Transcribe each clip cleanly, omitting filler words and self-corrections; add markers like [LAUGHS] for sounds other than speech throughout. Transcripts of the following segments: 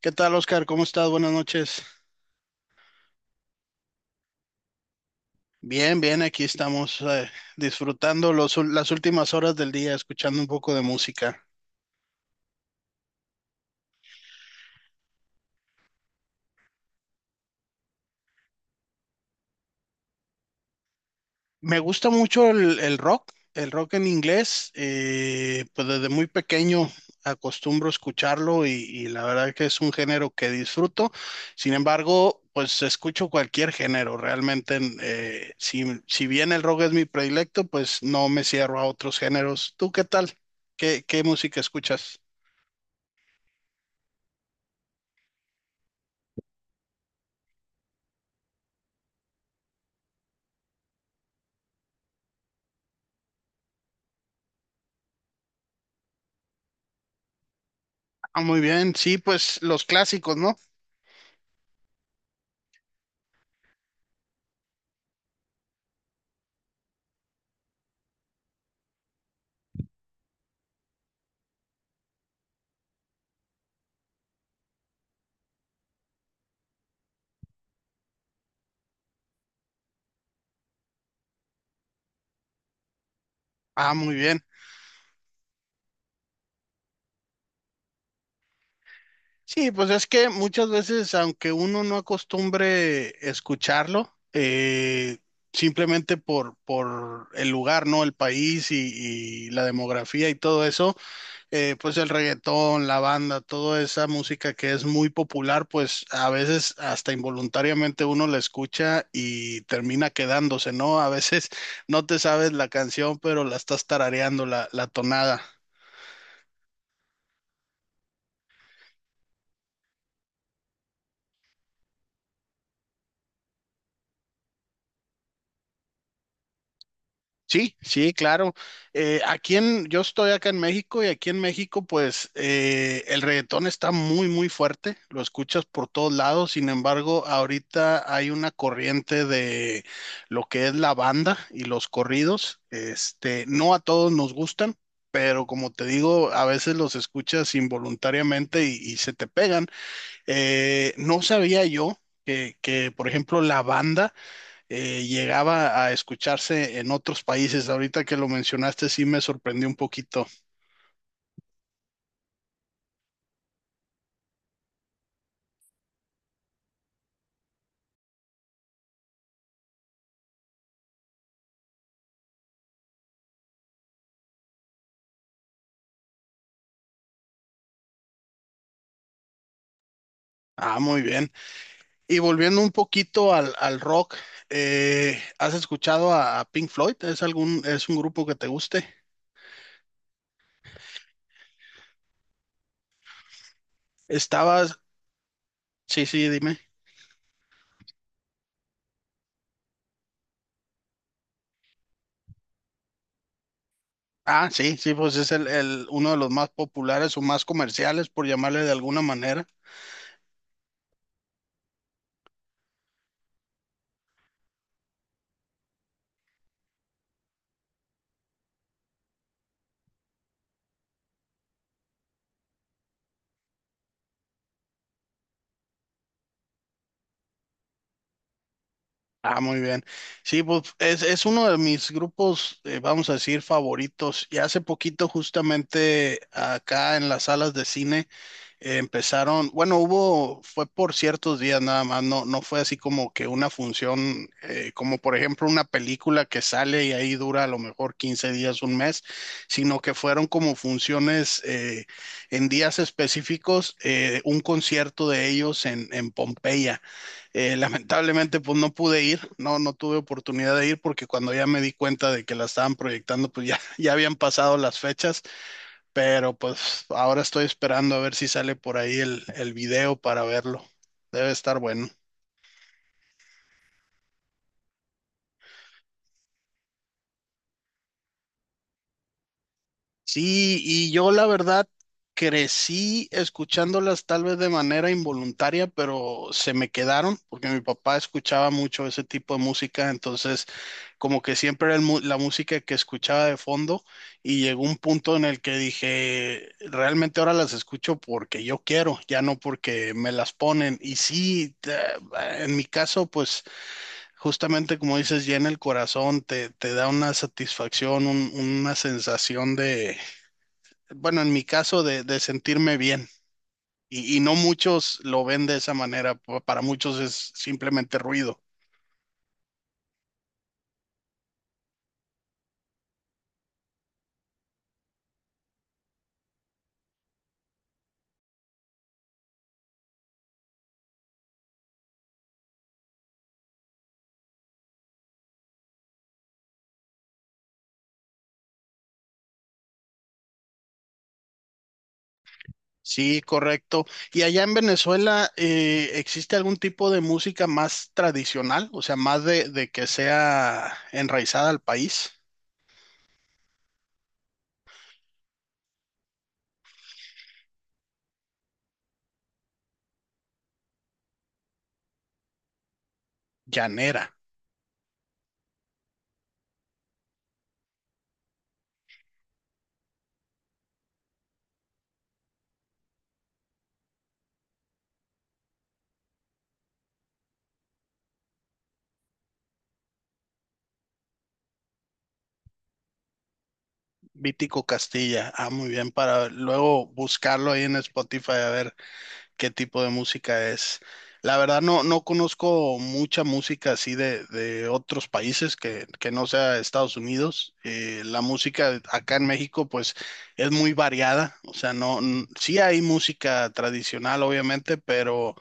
¿Qué tal, Oscar? ¿Cómo estás? Buenas noches. Bien, bien, aquí estamos disfrutando los las últimas horas del día, escuchando un poco de música. Me gusta mucho el rock, el rock en inglés, pues desde muy pequeño acostumbro escucharlo y la verdad que es un género que disfruto. Sin embargo, pues escucho cualquier género, realmente si bien el rock es mi predilecto, pues no me cierro a otros géneros. ¿Tú qué tal? ¿Qué música escuchas? Ah, muy bien, sí, pues los clásicos, ¿no? Ah, muy bien. Sí, pues es que muchas veces, aunque uno no acostumbre escucharlo, simplemente por el lugar, ¿no? El país y la demografía y todo eso, pues el reggaetón, la banda, toda esa música que es muy popular, pues a veces hasta involuntariamente uno la escucha y termina quedándose, ¿no? A veces [LAUGHS] no te sabes la canción, pero la estás tarareando, la tonada. Sí, sí, claro. Aquí en, yo estoy acá en México y aquí en México, pues el reggaetón está muy fuerte. Lo escuchas por todos lados. Sin embargo, ahorita hay una corriente de lo que es la banda y los corridos. Este, no a todos nos gustan, pero como te digo, a veces los escuchas involuntariamente y se te pegan. No sabía yo que, por ejemplo, la banda llegaba a escucharse en otros países. Ahorita que lo mencionaste, sí me sorprendió un poquito. Ah, muy bien. Y volviendo un poquito al rock, ¿has escuchado a Pink Floyd? ¿Es un grupo que te guste? Estabas, sí, sí, dime. Ah, sí, sí, pues es uno de los más populares o más comerciales, por llamarle de alguna manera. Ah, muy bien. Sí, pues es uno de mis grupos, vamos a decir, favoritos. Y hace poquito, justamente acá en las salas de cine, empezaron, bueno, hubo, fue por ciertos días nada más, no, no fue así como que una función, como por ejemplo una película que sale y ahí dura a lo mejor 15 días, un mes, sino que fueron como funciones en días específicos, un concierto de ellos en Pompeya. Lamentablemente, pues no pude ir, no, no tuve oportunidad de ir porque cuando ya me di cuenta de que la estaban proyectando, pues ya, [LAUGHS] ya habían pasado las fechas. Pero pues ahora estoy esperando a ver si sale por ahí el video para verlo. Debe estar bueno. Sí, y yo la verdad crecí escuchándolas tal vez de manera involuntaria, pero se me quedaron porque mi papá escuchaba mucho ese tipo de música, entonces como que siempre era el la música que escuchaba de fondo y llegó un punto en el que dije, realmente ahora las escucho porque yo quiero, ya no porque me las ponen. Y sí, en mi caso, pues... Justamente como dices, llena el corazón, te da una satisfacción, una sensación de, bueno, en mi caso, de sentirme bien. Y no muchos lo ven de esa manera, para muchos es simplemente ruido. Sí, correcto. ¿Y allá en Venezuela existe algún tipo de música más tradicional? O sea, más de que sea enraizada al país. Llanera. Vítico Castilla. Ah, muy bien, para luego buscarlo ahí en Spotify a ver qué tipo de música es. La verdad no, no conozco mucha música así de otros países que no sea Estados Unidos. La música acá en México pues es muy variada, o sea, no, sí hay música tradicional obviamente, pero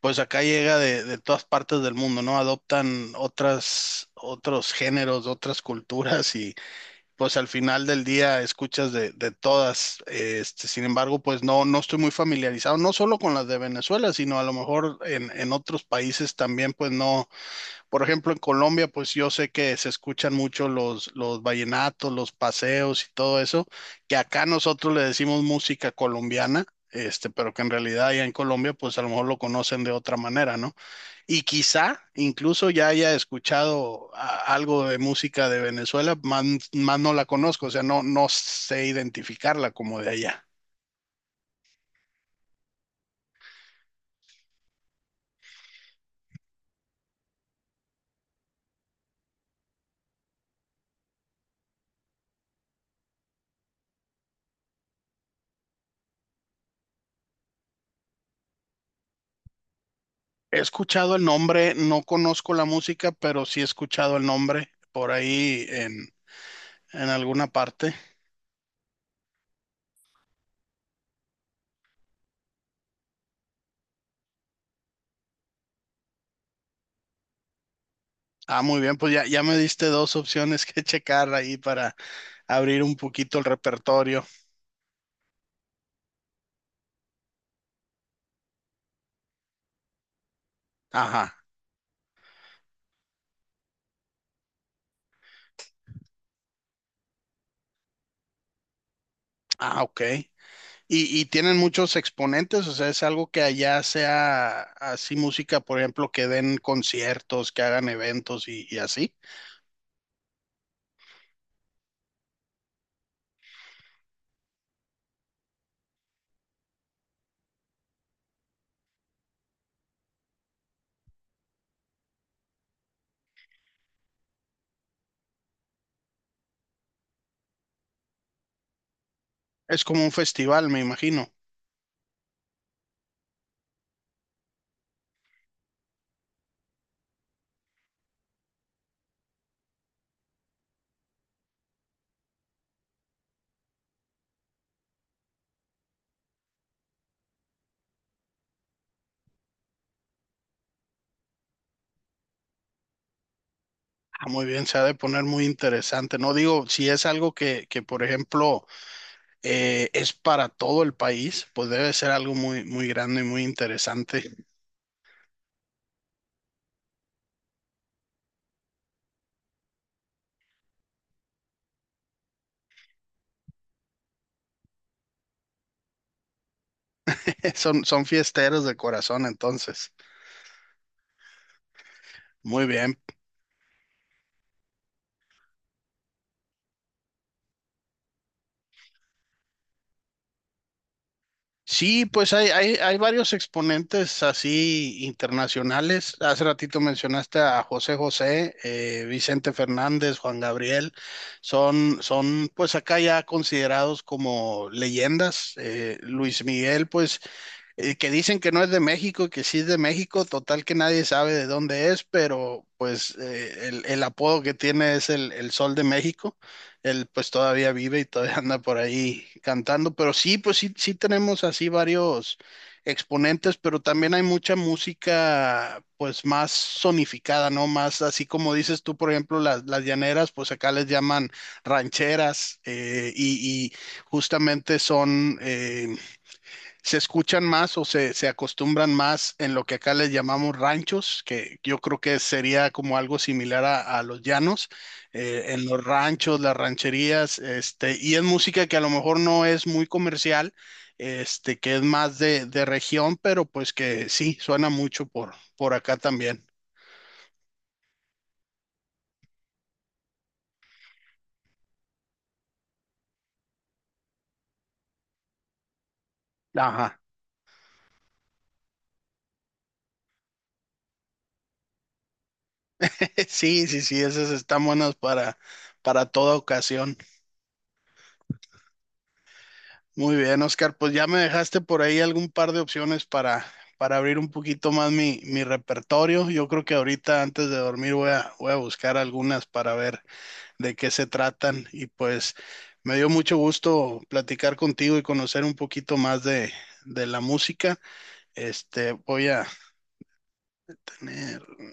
pues acá llega de todas partes del mundo, ¿no? Adoptan otras, otros géneros, otras culturas y pues al final del día escuchas de todas. Este, sin embargo, pues no, no estoy muy familiarizado, no solo con las de Venezuela, sino a lo mejor en otros países también, pues no. Por ejemplo, en Colombia, pues yo sé que se escuchan mucho los vallenatos, los paseos y todo eso, que acá nosotros le decimos música colombiana. Este, pero que en realidad allá en Colombia, pues a lo mejor lo conocen de otra manera, ¿no? Y quizá incluso ya haya escuchado algo de música de Venezuela, más, más no la conozco, o sea, no, no sé identificarla como de allá. He escuchado el nombre, no conozco la música, pero sí he escuchado el nombre por ahí en alguna parte. Ah, muy bien, pues ya, ya me diste dos opciones que [LAUGHS] checar ahí para abrir un poquito el repertorio. Ajá. Ah, ok. Y tienen muchos exponentes, o sea, es algo que allá sea así música, por ejemplo, que den conciertos, que hagan eventos y así. Es como un festival, me imagino. Ah, muy bien, se ha de poner muy interesante. No digo, si es algo que, por ejemplo, es para todo el país, pues debe ser algo muy grande y muy interesante. [LAUGHS] Son fiesteros de corazón, entonces. Muy bien. Sí, pues hay varios exponentes así internacionales. Hace ratito mencionaste a José José, Vicente Fernández, Juan Gabriel. Son pues acá ya considerados como leyendas. Luis Miguel, pues que dicen que no es de México, que sí es de México, total que nadie sabe de dónde es, pero pues el apodo que tiene es el Sol de México. Él pues todavía vive y todavía [LAUGHS] anda por ahí cantando, pero sí, pues sí, sí tenemos así varios exponentes, pero también hay mucha música pues más sonificada, ¿no? Más así como dices tú, por ejemplo, las llaneras, pues acá les llaman rancheras y justamente son... se escuchan más o se acostumbran más en lo que acá les llamamos ranchos, que yo creo que sería como algo similar a los llanos, en los ranchos, las rancherías, este, y es música que a lo mejor no es muy comercial, este, que es más de región, pero pues que sí, suena mucho por acá también. Ajá. [LAUGHS] Sí, sí, sí, esas están buenas para toda ocasión. Muy bien, Oscar, pues ya me dejaste por ahí algún par de opciones para abrir un poquito más mi, mi repertorio. Yo creo que ahorita antes de dormir voy a, voy a buscar algunas para ver de qué se tratan y pues me dio mucho gusto platicar contigo y conocer un poquito más de la música. Este, voy a tener...